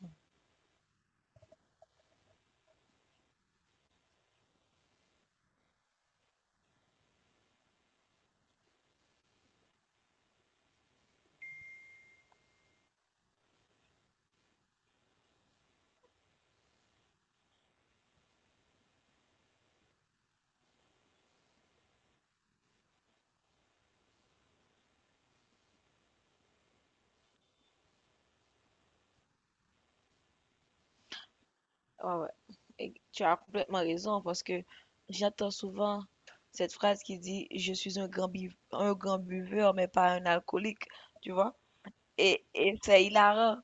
Ouais, ouais. Et tu as complètement raison parce que j'entends souvent cette phrase qui dit je suis un un grand buveur mais pas un alcoolique, tu vois? Et c'est hilarant.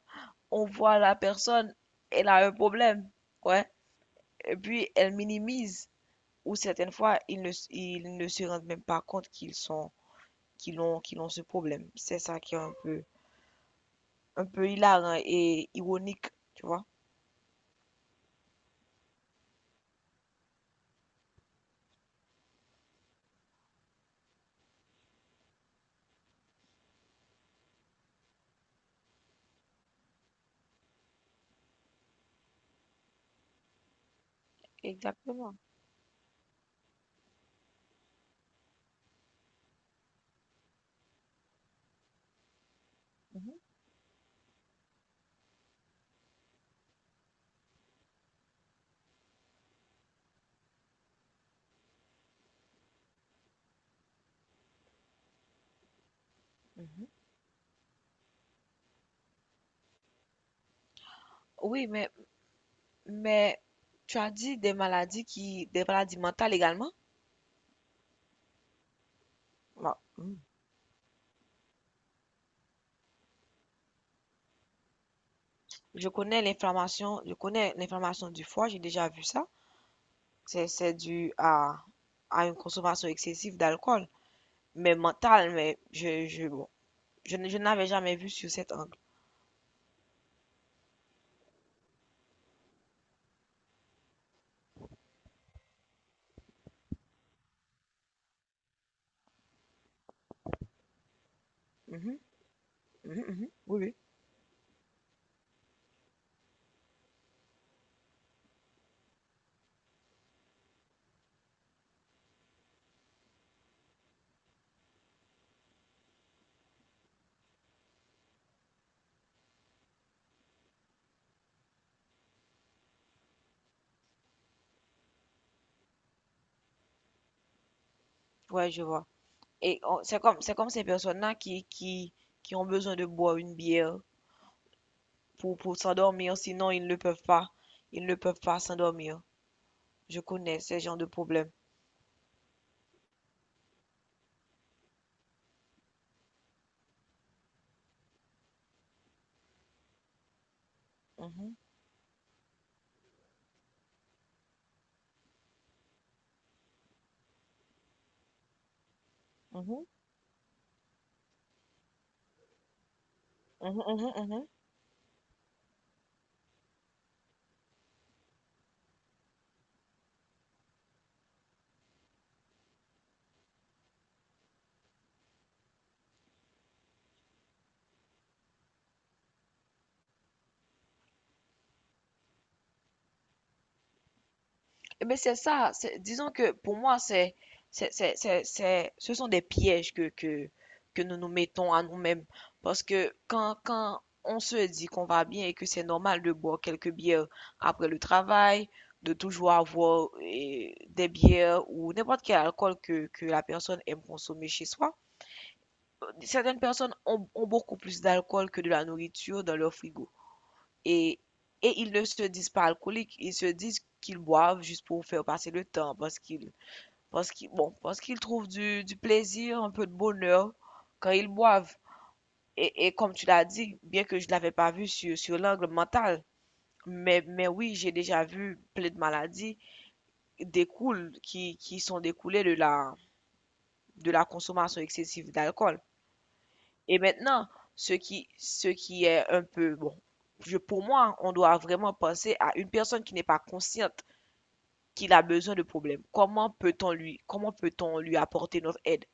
On voit la personne, elle a un problème, ouais. Et puis elle minimise ou certaines fois ils ne se rendent même pas compte qu'ils sont qu'ils ont ce problème. C'est ça qui est un peu hilarant et ironique, tu vois? Exactement. Mhm, mhm. Oui, mais tu as dit des maladies des maladies mentales également? Bah, hmm. Je connais l'inflammation du foie, j'ai déjà vu ça. C'est dû à une consommation excessive d'alcool, mais mentale, mais bon, je n'avais jamais vu sur cet angle. Mhm, mhm, mhm. Oui, oui. Ouais, je vois. C'est comme, c'est comme ces personnes-là qui ont besoin de boire une bière pour s'endormir, sinon ils ne peuvent pas, ils ne peuvent pas s'endormir. Je connais ce genre de problème. Mhm, mhm, mhm, mhm, mhm. Eh ben, c'est ça. Disons que pour moi, ce sont des pièges que nous nous mettons à nous-mêmes. Parce que quand on se dit qu'on va bien et que c'est normal de boire quelques bières après le travail, de toujours avoir eh, des bières ou n'importe quel alcool que la personne aime consommer chez soi, certaines personnes ont beaucoup plus d'alcool que de la nourriture dans leur frigo. Et, et ils ne se disent pas alcooliques, ils se disent qu'ils boivent juste pour faire passer le temps, parce qu'ils, bon, parce qu'ils trouvent du plaisir, un peu de bonheur quand ils boivent. Et comme tu l'as dit, bien que je ne l'avais pas vu sur, sur l'angle mental, mais oui, j'ai déjà vu plein de maladies qui sont découlées de la consommation excessive d'alcool. Et maintenant, ce qui est un peu, bon, pour moi, on doit vraiment penser à une personne qui n'est pas consciente qu'il a besoin de problèmes. Comment peut-on lui apporter notre aide?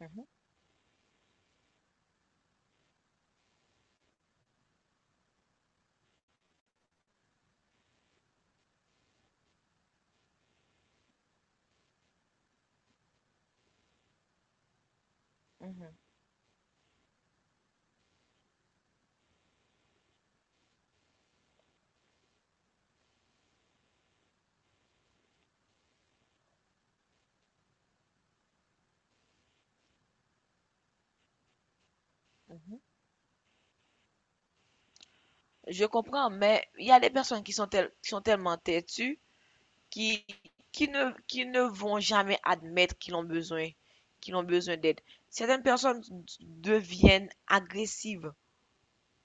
Mhm, mhm, mhm. Je comprends, mais il y a des personnes qui sont tellement têtues qui, qui ne vont jamais admettre qu'ils ont besoin d'aide. Certaines personnes deviennent agressives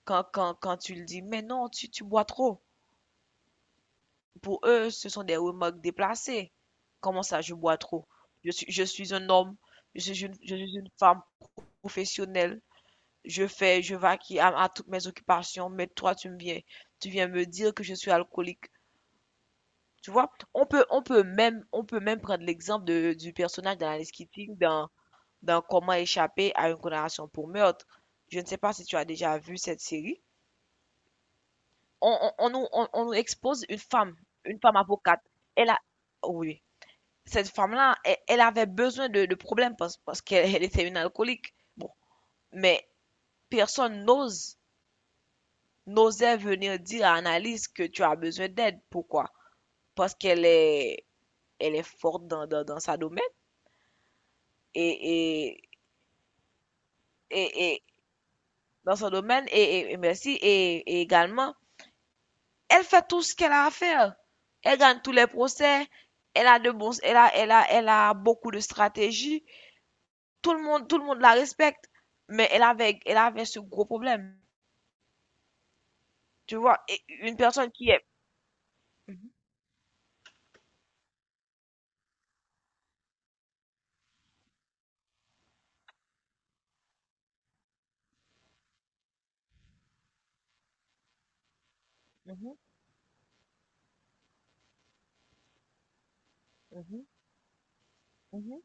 quand tu le dis, mais non, tu bois trop. Pour eux, ce sont des remarques déplacées. Comment ça, je bois trop? Je suis un homme, je suis une femme professionnelle. Je vaquille à toutes mes occupations, mais toi, tu viens me dire que je suis alcoolique. Tu vois, on peut même prendre l'exemple du personnage d'Alice Keating dans Comment échapper à une condamnation pour meurtre. Je ne sais pas si tu as déjà vu cette série. On nous expose une femme avocate. Elle a, oui, cette femme-là, elle, elle avait besoin de problèmes parce qu'elle elle était une alcoolique. Bon, mais personne n'osait venir dire à Annalise que tu as besoin d'aide. Pourquoi? Parce qu'elle est, elle est forte dans sa domaine et, et, et dans son domaine et merci et également, elle fait tout ce qu'elle a à faire. Elle gagne tous les procès. Elle a de bons, elle a, elle a, elle a beaucoup de stratégies. Tout le monde la respecte, mais elle avait ce gros problème. Tu vois, et une personne qui est mhm, mhm, mhm, mhm,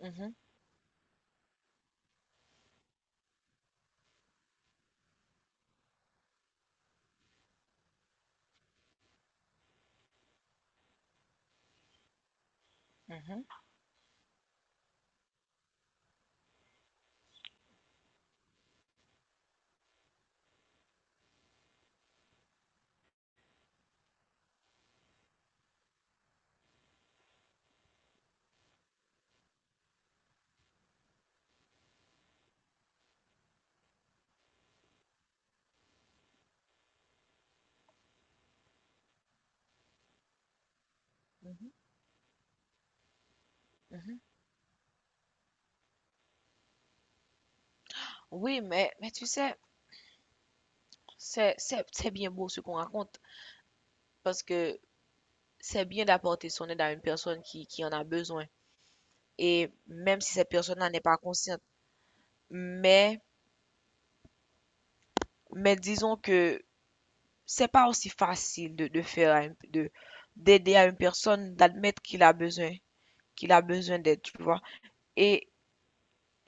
mhm, mhm, mhm, mhm. Oui, mais tu sais, c'est bien beau ce qu'on raconte parce que c'est bien d'apporter son aide à une personne qui en a besoin. Et même si cette personne-là n'est pas consciente, mais, mais disons que c'est pas aussi facile de d'aider à une personne, d'admettre qu'il a besoin d'aide, tu vois. Et,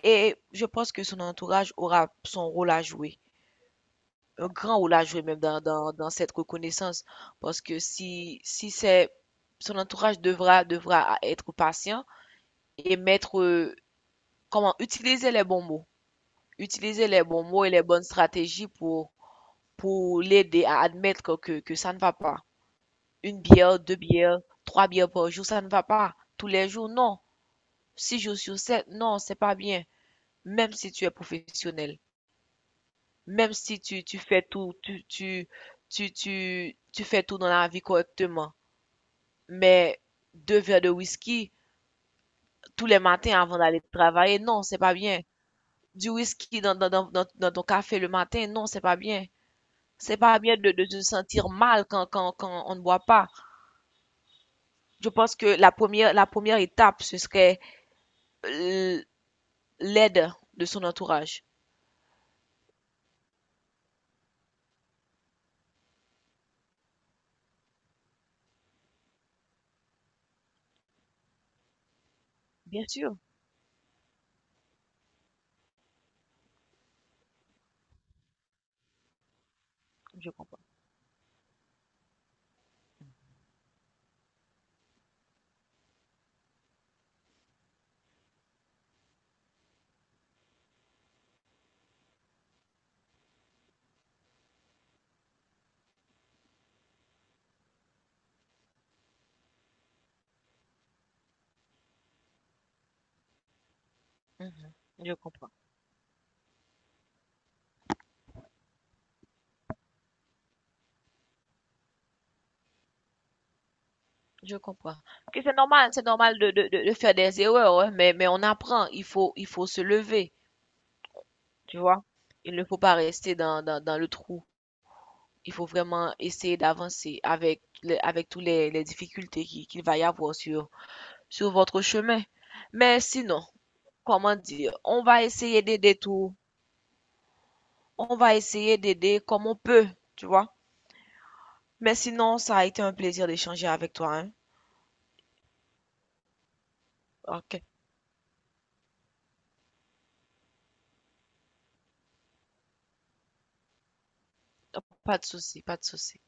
et je pense que son entourage aura son rôle à jouer. Un grand rôle à jouer même dans cette reconnaissance. Parce que si, si c'est son entourage devra, devra être patient et mettre, comment, utiliser les bons mots. Utiliser les bons mots et les bonnes stratégies pour l'aider à admettre que ça ne va pas. Une bière, deux bières, trois bières par jour, ça ne va pas. Tous les jours, non. Six jours sur sept, non, c'est pas bien. Même si tu es professionnel. Même si tu fais tout, tu fais tout dans la vie correctement. Mais deux verres de whisky tous les matins avant d'aller travailler, non, c'est pas bien. Du whisky dans ton café le matin, non, c'est pas bien. C'est pas bien de se sentir mal quand on ne boit pas. Je pense que la première étape, ce serait euh, l'aide de son entourage. Bien sûr, je comprends. Mhm, je comprends. Je comprends. Ok, c'est normal de faire des erreurs, hein, mais on apprend. Il faut se lever, tu vois. Il ne faut pas rester dans le trou. Il faut vraiment essayer d'avancer avec, le avec toutes les difficultés qu'il va y avoir sur, sur votre chemin. Mais sinon, comment dire, on va essayer d'aider tout. On va essayer d'aider comme on peut, tu vois. Mais sinon, ça a été un plaisir d'échanger avec toi, hein. Ok, pas de souci, pas de souci.